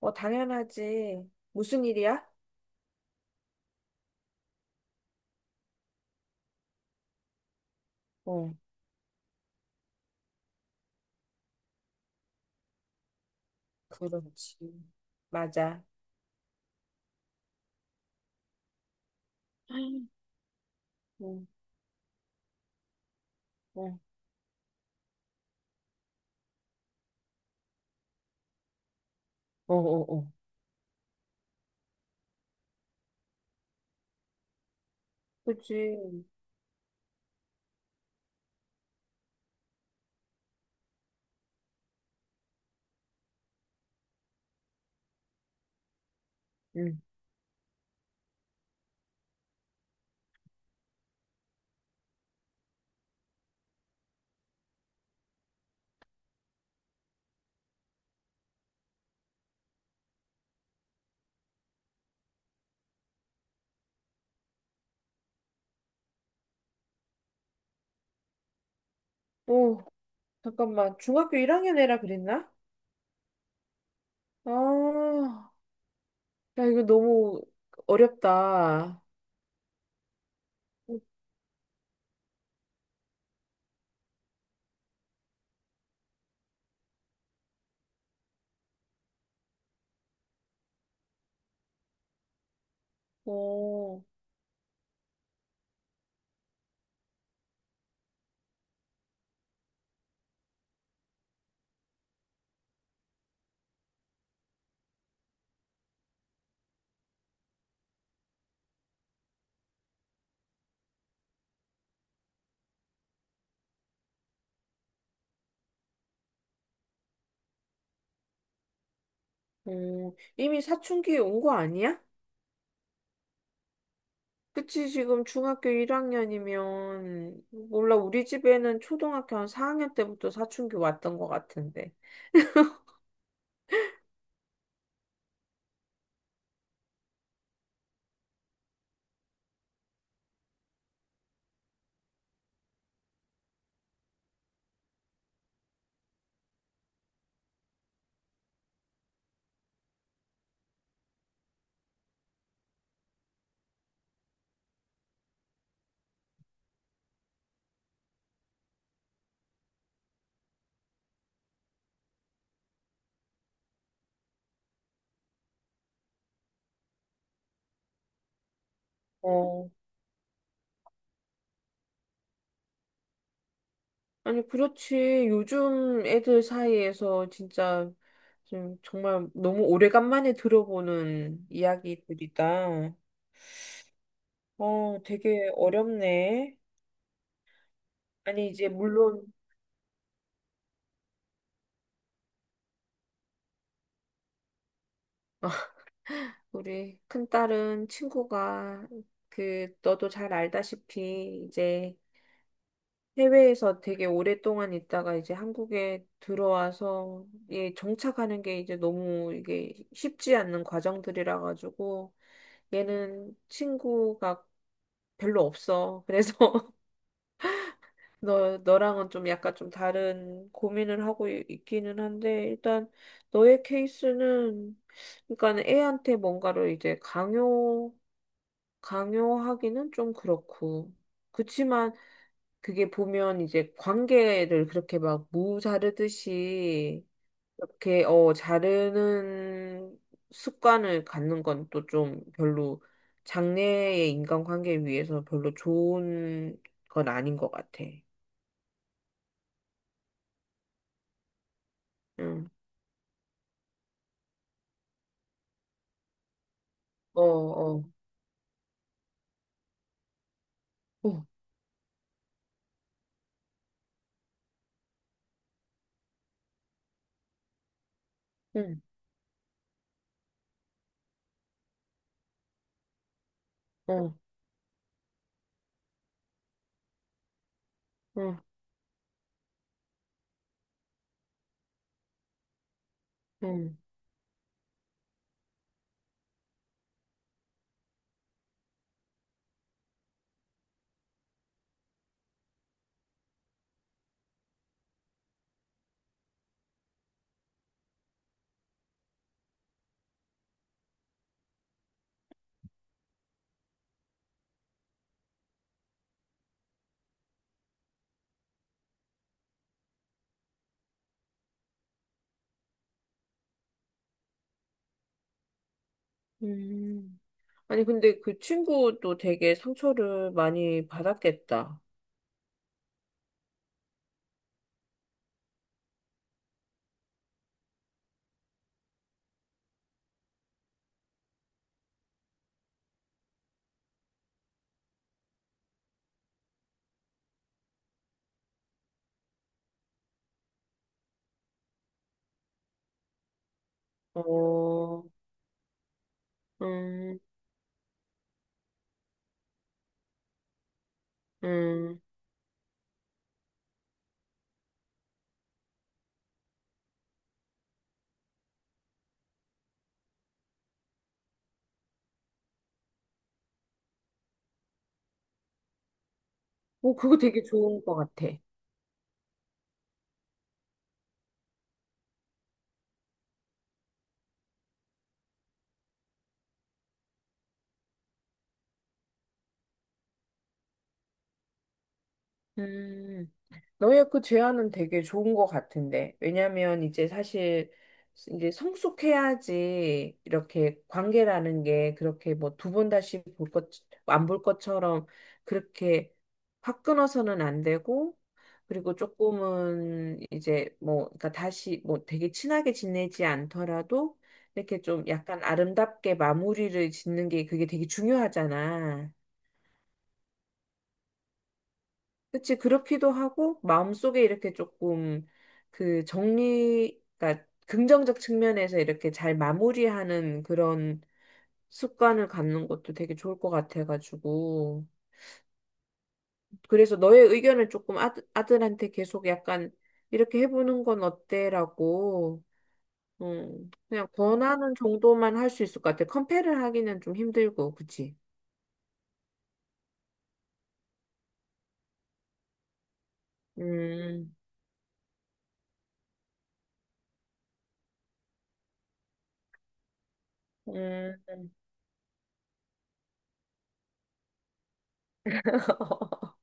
어, 당연하지. 무슨 일이야? 어, 그렇지. 맞아. 어, 어, 어, 어, 어. 그치. 응. 오, 잠깐만. 중학교 1학년 애라 그랬나? 아, 야, 이거 너무 어렵다. 어, 어, 이미 사춘기에 온 거 아니야? 그치, 지금 중학교 1학년이면, 몰라, 우리 집에는 초등학교 한 4학년 때부터 사춘기 왔던 것 같은데. 어, 아니, 그렇지. 요즘 애들 사이에서 진짜 좀 정말 너무 오래간만에 들어보는 이야기들이다. 어, 되게 어렵네. 아니, 이제 물론 우리 큰딸은 친구가, 그, 너도 잘 알다시피 이제 해외에서 되게 오랫동안 있다가 이제 한국에 들어와서, 예, 정착하는 게 이제 너무 이게 쉽지 않는 과정들이라 가지고 얘는 친구가 별로 없어. 그래서 너랑은 좀 약간 좀 다른 고민을 하고 있기는 한데, 일단 너의 케이스는, 그러니까 애한테 뭔가를 이제 강요하기는 좀 그렇고. 그치만 그게 보면 이제 관계를 그렇게 막 무자르듯이 이렇게 자르는 습관을 갖는 건 또 좀 별로 장래의 인간관계에 위해서 별로 좋은 건 아닌 것 같아. 응, 어, 어. 어. 응, 어, 어. 응. 음. 아니, 근데 그 친구도 되게 상처를 많이 받았겠다. 어, 음, 음. 어, 그거 되게 좋은 것 같아. 음. 너의 그 제안은 되게 좋은 것 같은데. 왜냐면 이제 사실 이제 성숙해야지, 이렇게 관계라는 게 그렇게 뭐 두 번 다시 볼 것, 안 볼 것처럼 그렇게 확 끊어서는 안 되고, 그리고 조금은 이제 뭐, 그러니까 다시 뭐 되게 친하게 지내지 않더라도 이렇게 좀 약간 아름답게 마무리를 짓는 게, 그게 되게 중요하잖아. 그치, 그렇기도 하고, 마음속에 이렇게 조금 그 정리, 그러니까 긍정적 측면에서 이렇게 잘 마무리하는 그런 습관을 갖는 것도 되게 좋을 것 같아가지고. 그래서 너의 의견을 조금 아들한테 계속 약간 이렇게 해보는 건 어때라고, 그냥 권하는 정도만 할 수 있을 것 같아. 컴패를 하기는 좀 힘들고, 그치? 음, 음,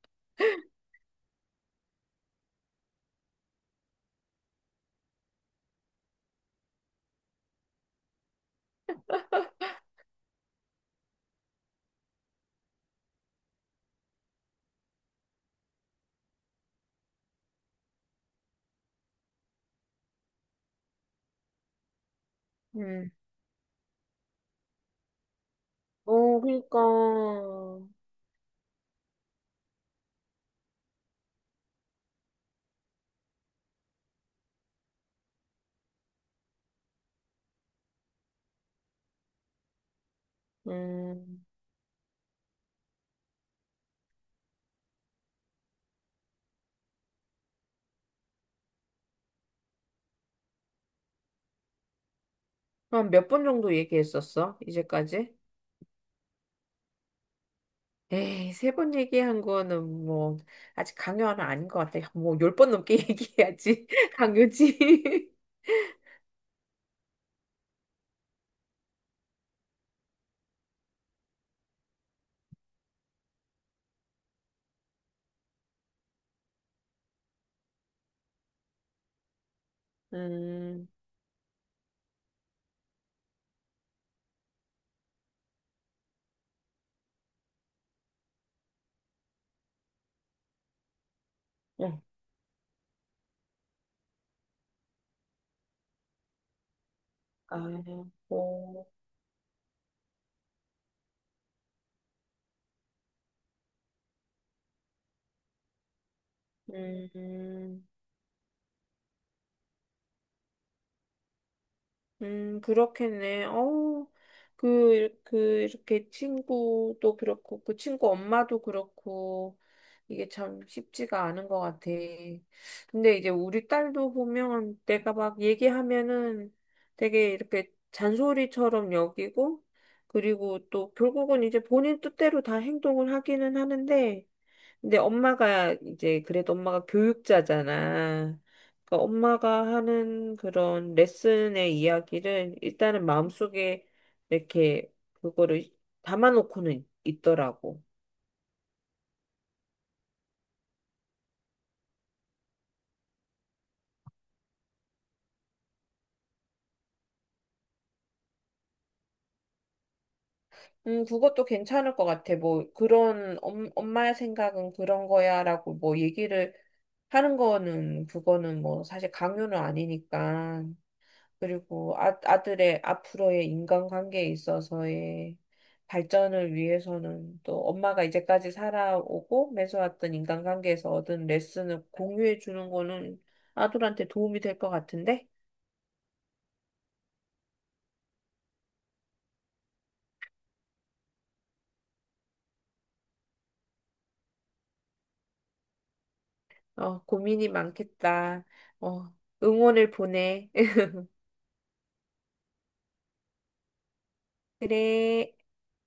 음, 어, 그니까. 음. 그럼 몇 번 정도 얘기했었어? 이제까지? 에이, 세 번 얘기한 거는 뭐, 아직 강요는 하 아닌 것 같아. 뭐, 열 번 넘게 얘기해야지. 강요지. 음, 어, 아, 뭐, 음. 그렇겠네. 어, 그, 그, 이렇게 친구도 그렇고, 그 친구 엄마도 그렇고, 이게 참 쉽지가 않은 것 같아. 근데 이제 우리 딸도 보면 내가 막 얘기하면은 되게 이렇게 잔소리처럼 여기고, 그리고 또 결국은 이제 본인 뜻대로 다 행동을 하기는 하는데, 근데 엄마가 이제, 그래도 엄마가 교육자잖아. 그러니까 엄마가 하는 그런 레슨의 이야기를 일단은 마음속에 이렇게 그거를 담아놓고는 있더라고. 그것도 괜찮을 것 같아. 뭐 그런 엄마의 생각은 그런 거야라고 뭐 얘기를 하는 거는, 그거는 뭐 사실 강요는 아니니까. 그리고 아들의 앞으로의 인간관계에 있어서의 발전을 위해서는, 또 엄마가 이제까지 살아오고 맺어왔던 인간관계에서 얻은 레슨을 공유해 주는 거는 아들한테 도움이 될 것 같은데? 어, 고민이 많겠다. 어, 응원을 보내. 그래.